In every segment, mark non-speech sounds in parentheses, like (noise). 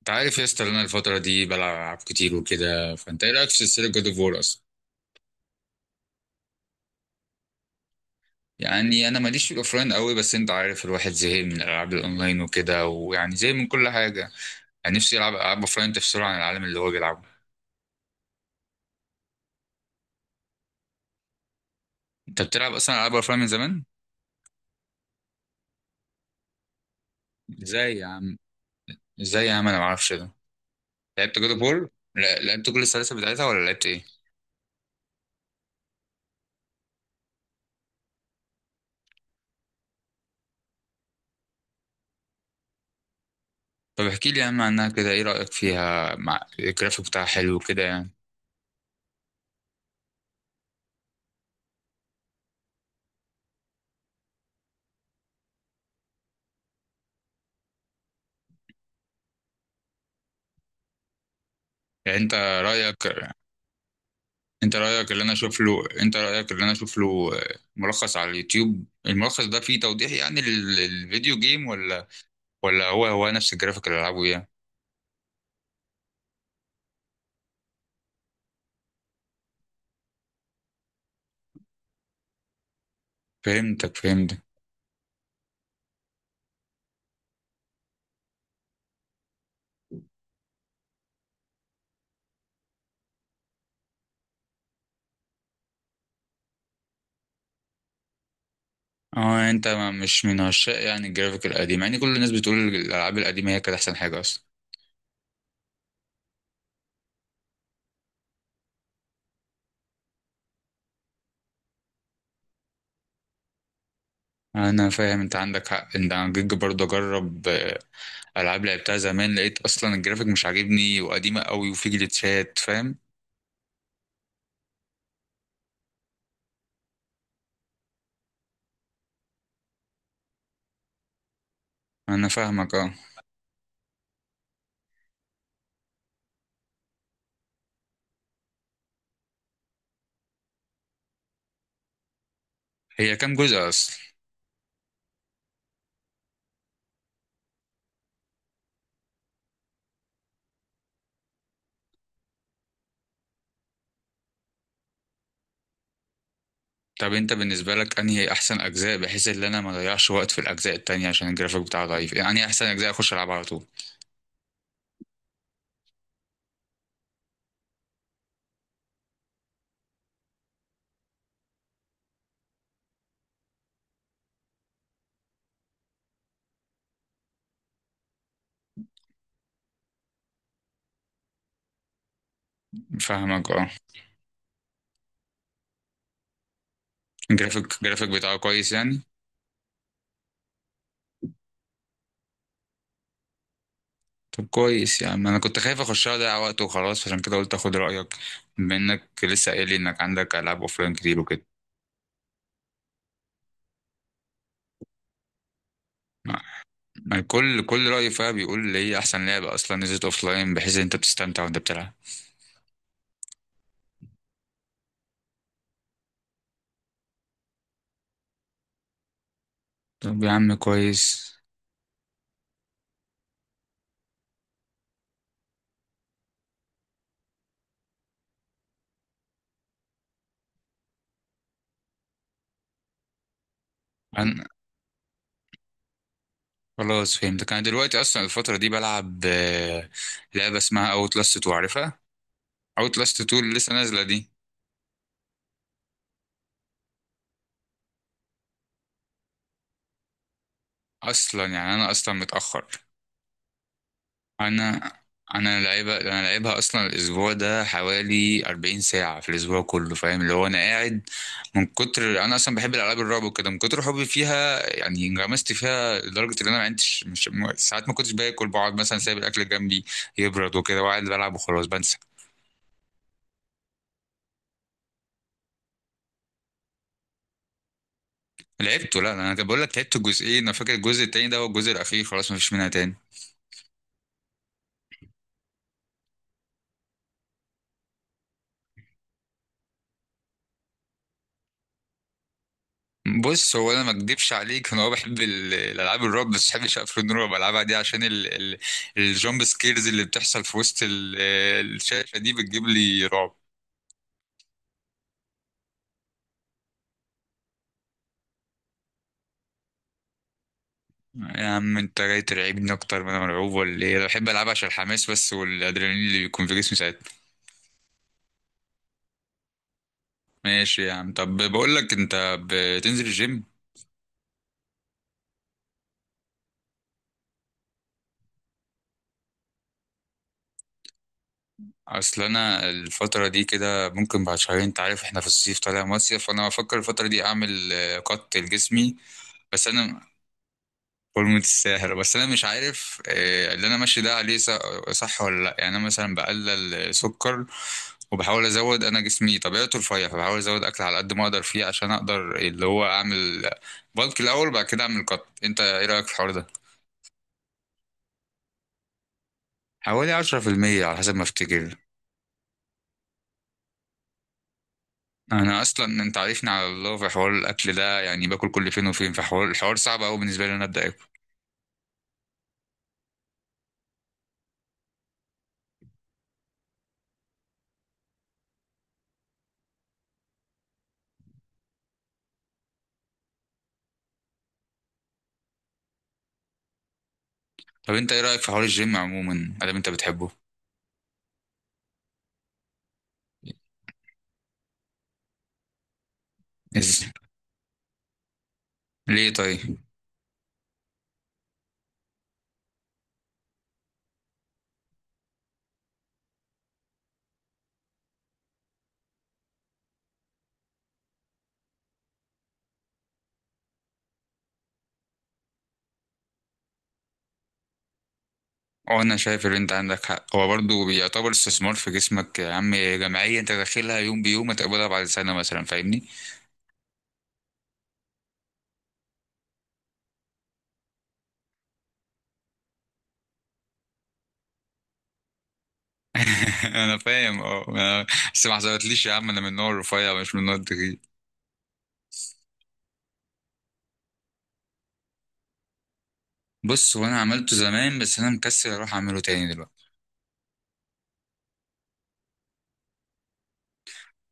انت عارف يا اسطى إن انا الفترة دي بلعب ألعاب كتير وكده، فانت ايه رأيك في سلسلة جود اوف وور اصلا؟ يعني انا ماليش في الاوفلاين قوي، بس انت عارف الواحد زهق من الالعاب الاونلاين وكده ويعني زي من كل حاجة. يعني نفسي يلعب العاب اوفلاين تفصله عن العالم اللي هو بيلعبه. انت بتلعب اصلا العاب اوفلاين من زمان؟ ازاي يا عم؟ ازاي يا عم انا معرفش ده؟ لعبت جود اوف وور؟ لا لعبت كل السلاسل بتاعتها ولا لعبت ايه؟ طب احكي لي يا عم عنها كده، ايه رأيك فيها؟ مع الجرافيك بتاعها حلو كده يعني. يعني انت رايك اللي انا اشوف له، ملخص على اليوتيوب. الملخص ده فيه توضيح يعني للفيديو جيم ولا هو نفس الجرافيك اللي العبه يعني؟ فهمتك فهمتك. اه انت مش من عشاق يعني الجرافيك القديم، يعني كل الناس بتقول الالعاب القديمه هي كانت احسن حاجه اصلا. انا فاهم انت عندك حق ان انا جيت برضه اجرب، العاب لعبتها زمان لقيت اصلا الجرافيك مش عاجبني وقديمه قوي وفي جليتشات فاهم. انا فاهمك اه. هي كام جزء اصلا؟ طب انت بالنسبه لك انهي احسن اجزاء بحيث ان انا ما اضيعش وقت في الاجزاء التانية عشان الجرافيك بتاعه ضعيف، يعني انهي احسن اجزاء اخش العبها على طول؟ فاهمك اه. الجرافيك بتاعه كويس يعني؟ طب كويس، يعني انا كنت خايف اخشها اضيع وقت وخلاص عشان كده قلت اخد رايك بما انك لسه قايل لي انك عندك العاب اوفلاين كتير وكده. ما- ما كل راي فيها بيقول لي هي احسن لعبه اصلا نزلت اوفلاين بحيث ان انت بتستمتع وانت بتلعب. طب يا عم كويس. خلاص فهمتك، انا دلوقتي اصلا الفتره دي بلعب، لعبه اسمها اوت لاست 2، عارفها؟ اوت لاست 2 اللي لسه نازله دي. اصلا يعني انا اصلا متاخر. انا انا لعيبها اصلا الاسبوع ده حوالي 40 ساعه في الاسبوع كله فاهم اللي هو انا قاعد. من كتر انا اصلا بحب الالعاب الرعب وكده، من كتر حبي فيها يعني انغمست فيها لدرجه ان انا ما عندش مش م- ساعات ما كنتش باكل، بقعد مثلا سايب الاكل جنبي يبرد وكده وقاعد بلعب وخلاص بنسى. لعبته. لا انا بقول لك لعبت الجزئين، انا فاكر الجزء التاني ده هو الجزء الاخير خلاص مفيش منها تاني. بص هو انا ما اكدبش عليك، انا هو بحب الالعاب الرعب، بس ما بحبش افلام الرعب العبها دي عشان الجامب سكيرز اللي بتحصل في وسط الشاشه دي بتجيب لي رعب. يا عم انت جاي ترعبني اكتر ما انا مرعوب ولا ايه؟ انا بحب العبها عشان الحماس بس والادرينالين اللي بيكون في جسمي ساعتها. ماشي يا عم، طب بقول لك انت بتنزل الجيم؟ اصل انا الفتره دي كده ممكن بعد شهرين، انت عارف احنا في الصيف طالع مصيف، فانا بفكر الفتره دي اعمل، قط لجسمي. بس انا فورمه الساهر، بس انا مش عارف، اللي انا ماشي ده عليه صح ولا لا، يعني انا مثلا بقلل سكر وبحاول ازود، انا جسمي طبيعته رفيع فبحاول ازود اكل على قد ما اقدر فيه عشان اقدر اللي هو اعمل بالك الاول وبعد كده اعمل قط، انت ايه رايك في الحوار ده؟ حوالي 10% على حسب ما افتكر. انا اصلا انت عارفني على الله في حوار الاكل ده، يعني باكل كل فين وفين، في حوار الحوار صعب قوي بالنسبه لي إن انا ابدا اكل. طب انت ايه رايك في حوار الجيم عموما ادام انت بتحبه؟ إز... ليه طيب؟ اه انا شايف ان انت عندك حق، هو برضه بيعتبر استثمار في جسمك يا عم، جمعيه انت داخلها يوم بيوم هتقبلها بعد سنه مثلا، فاهمني؟ (laughs) انا فاهم اه. بس ما حصلتليش يا عم، انا من النوع الرفيع مش من النوع التخين. بص هو انا عملته زمان بس انا مكسل اروح اعمله تاني دلوقتي.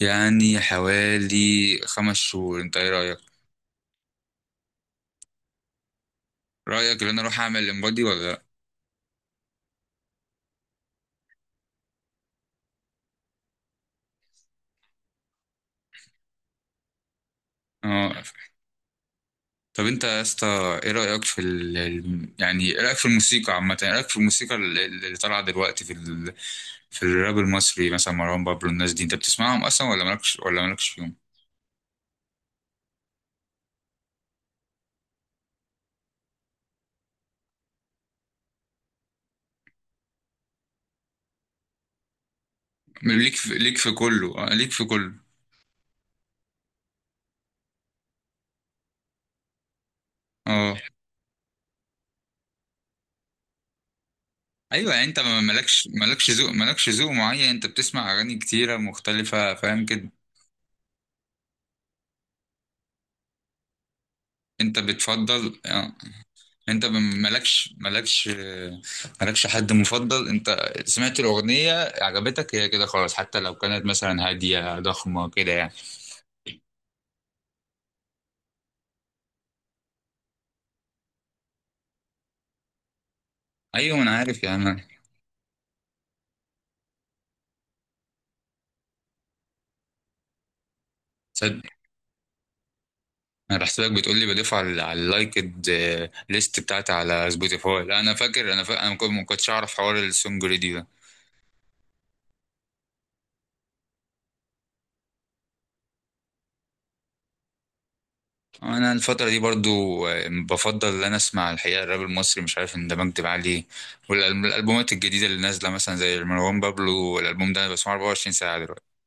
يعني حوالي 5 شهور، انت ايه رايك؟ رأيك ان انا اروح اعمل امبادي ولا لا؟ اه. طب انت يا اسطى ايه رأيك في يعني ايه رأيك في الموسيقى عامة، ايه رأيك في الموسيقى اللي طالعة دلوقتي في في الراب المصري مثلا مروان بابلو، الناس دي انت بتسمعهم اصلا ولا مالكش فيهم؟ ليك في كله. اه ايوه، يعني انت مالكش ذوق معين، انت بتسمع اغاني كتيرة مختلفة فاهم كده. انت بتفضل آه. انت مالكش حد مفضل، انت سمعت الاغنيه عجبتك هي كده خلاص حتى لو كانت مثلا هاديه ضخمه كده يعني؟ ايوه انا عارف يا عم. تصدق. انا بحسبك بتقول لي بضيف على اللايكد ليست بتاعتي على سبوتيفاي، لا انا فاكر ما كنتش اعرف حوار السونج ريدي ده. انا الفتره دي برضو، بفضل ان انا اسمع الحقيقه الراب المصري، مش عارف اندمجت معاه ليه. والالبومات الجديده اللي نازله مثلا زي مروان بابلو، الالبوم ده انا بسمعه 24 ساعه دلوقتي.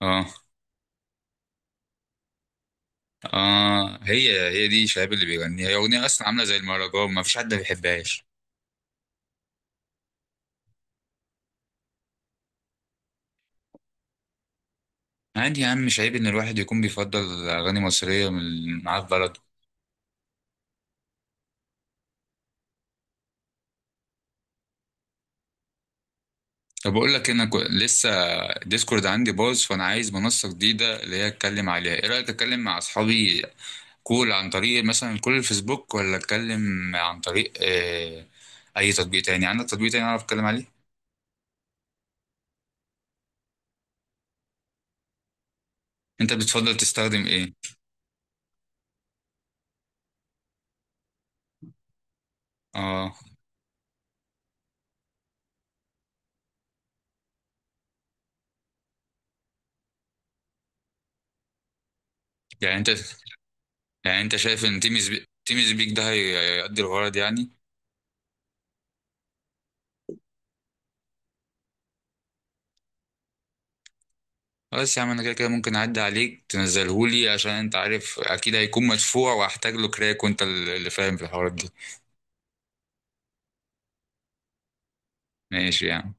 اه. اه هي دي شهاب اللي بيغنيها، هي اغنيه اصلا عامله زي المهرجان ما فيش حد ما بيحبهاش. عادي يا عم، مش عيب ان الواحد يكون بيفضل اغاني مصريه من معاه في بلده. طب بقول لك انا لسه الديسكورد عندي باظ، فانا عايز منصه جديده اللي هي اتكلم عليها، ايه رايك اتكلم مع اصحابي كول عن طريق مثلا كل الفيسبوك ولا اتكلم عن طريق، اي تطبيق تاني؟ عندك تطبيق تاني اعرف اتكلم عليه؟ انت بتفضل تستخدم ايه؟ اه يعني انت يعني انت شايف ان تيمز بيك ده هيقضي الغرض يعني؟ خلاص يا عم انا كده كده ممكن اعدي عليك تنزلهولي عشان انت عارف اكيد هيكون مدفوع واحتاج له كراك وانت اللي فاهم في الحوارات دي. ماشي يعني.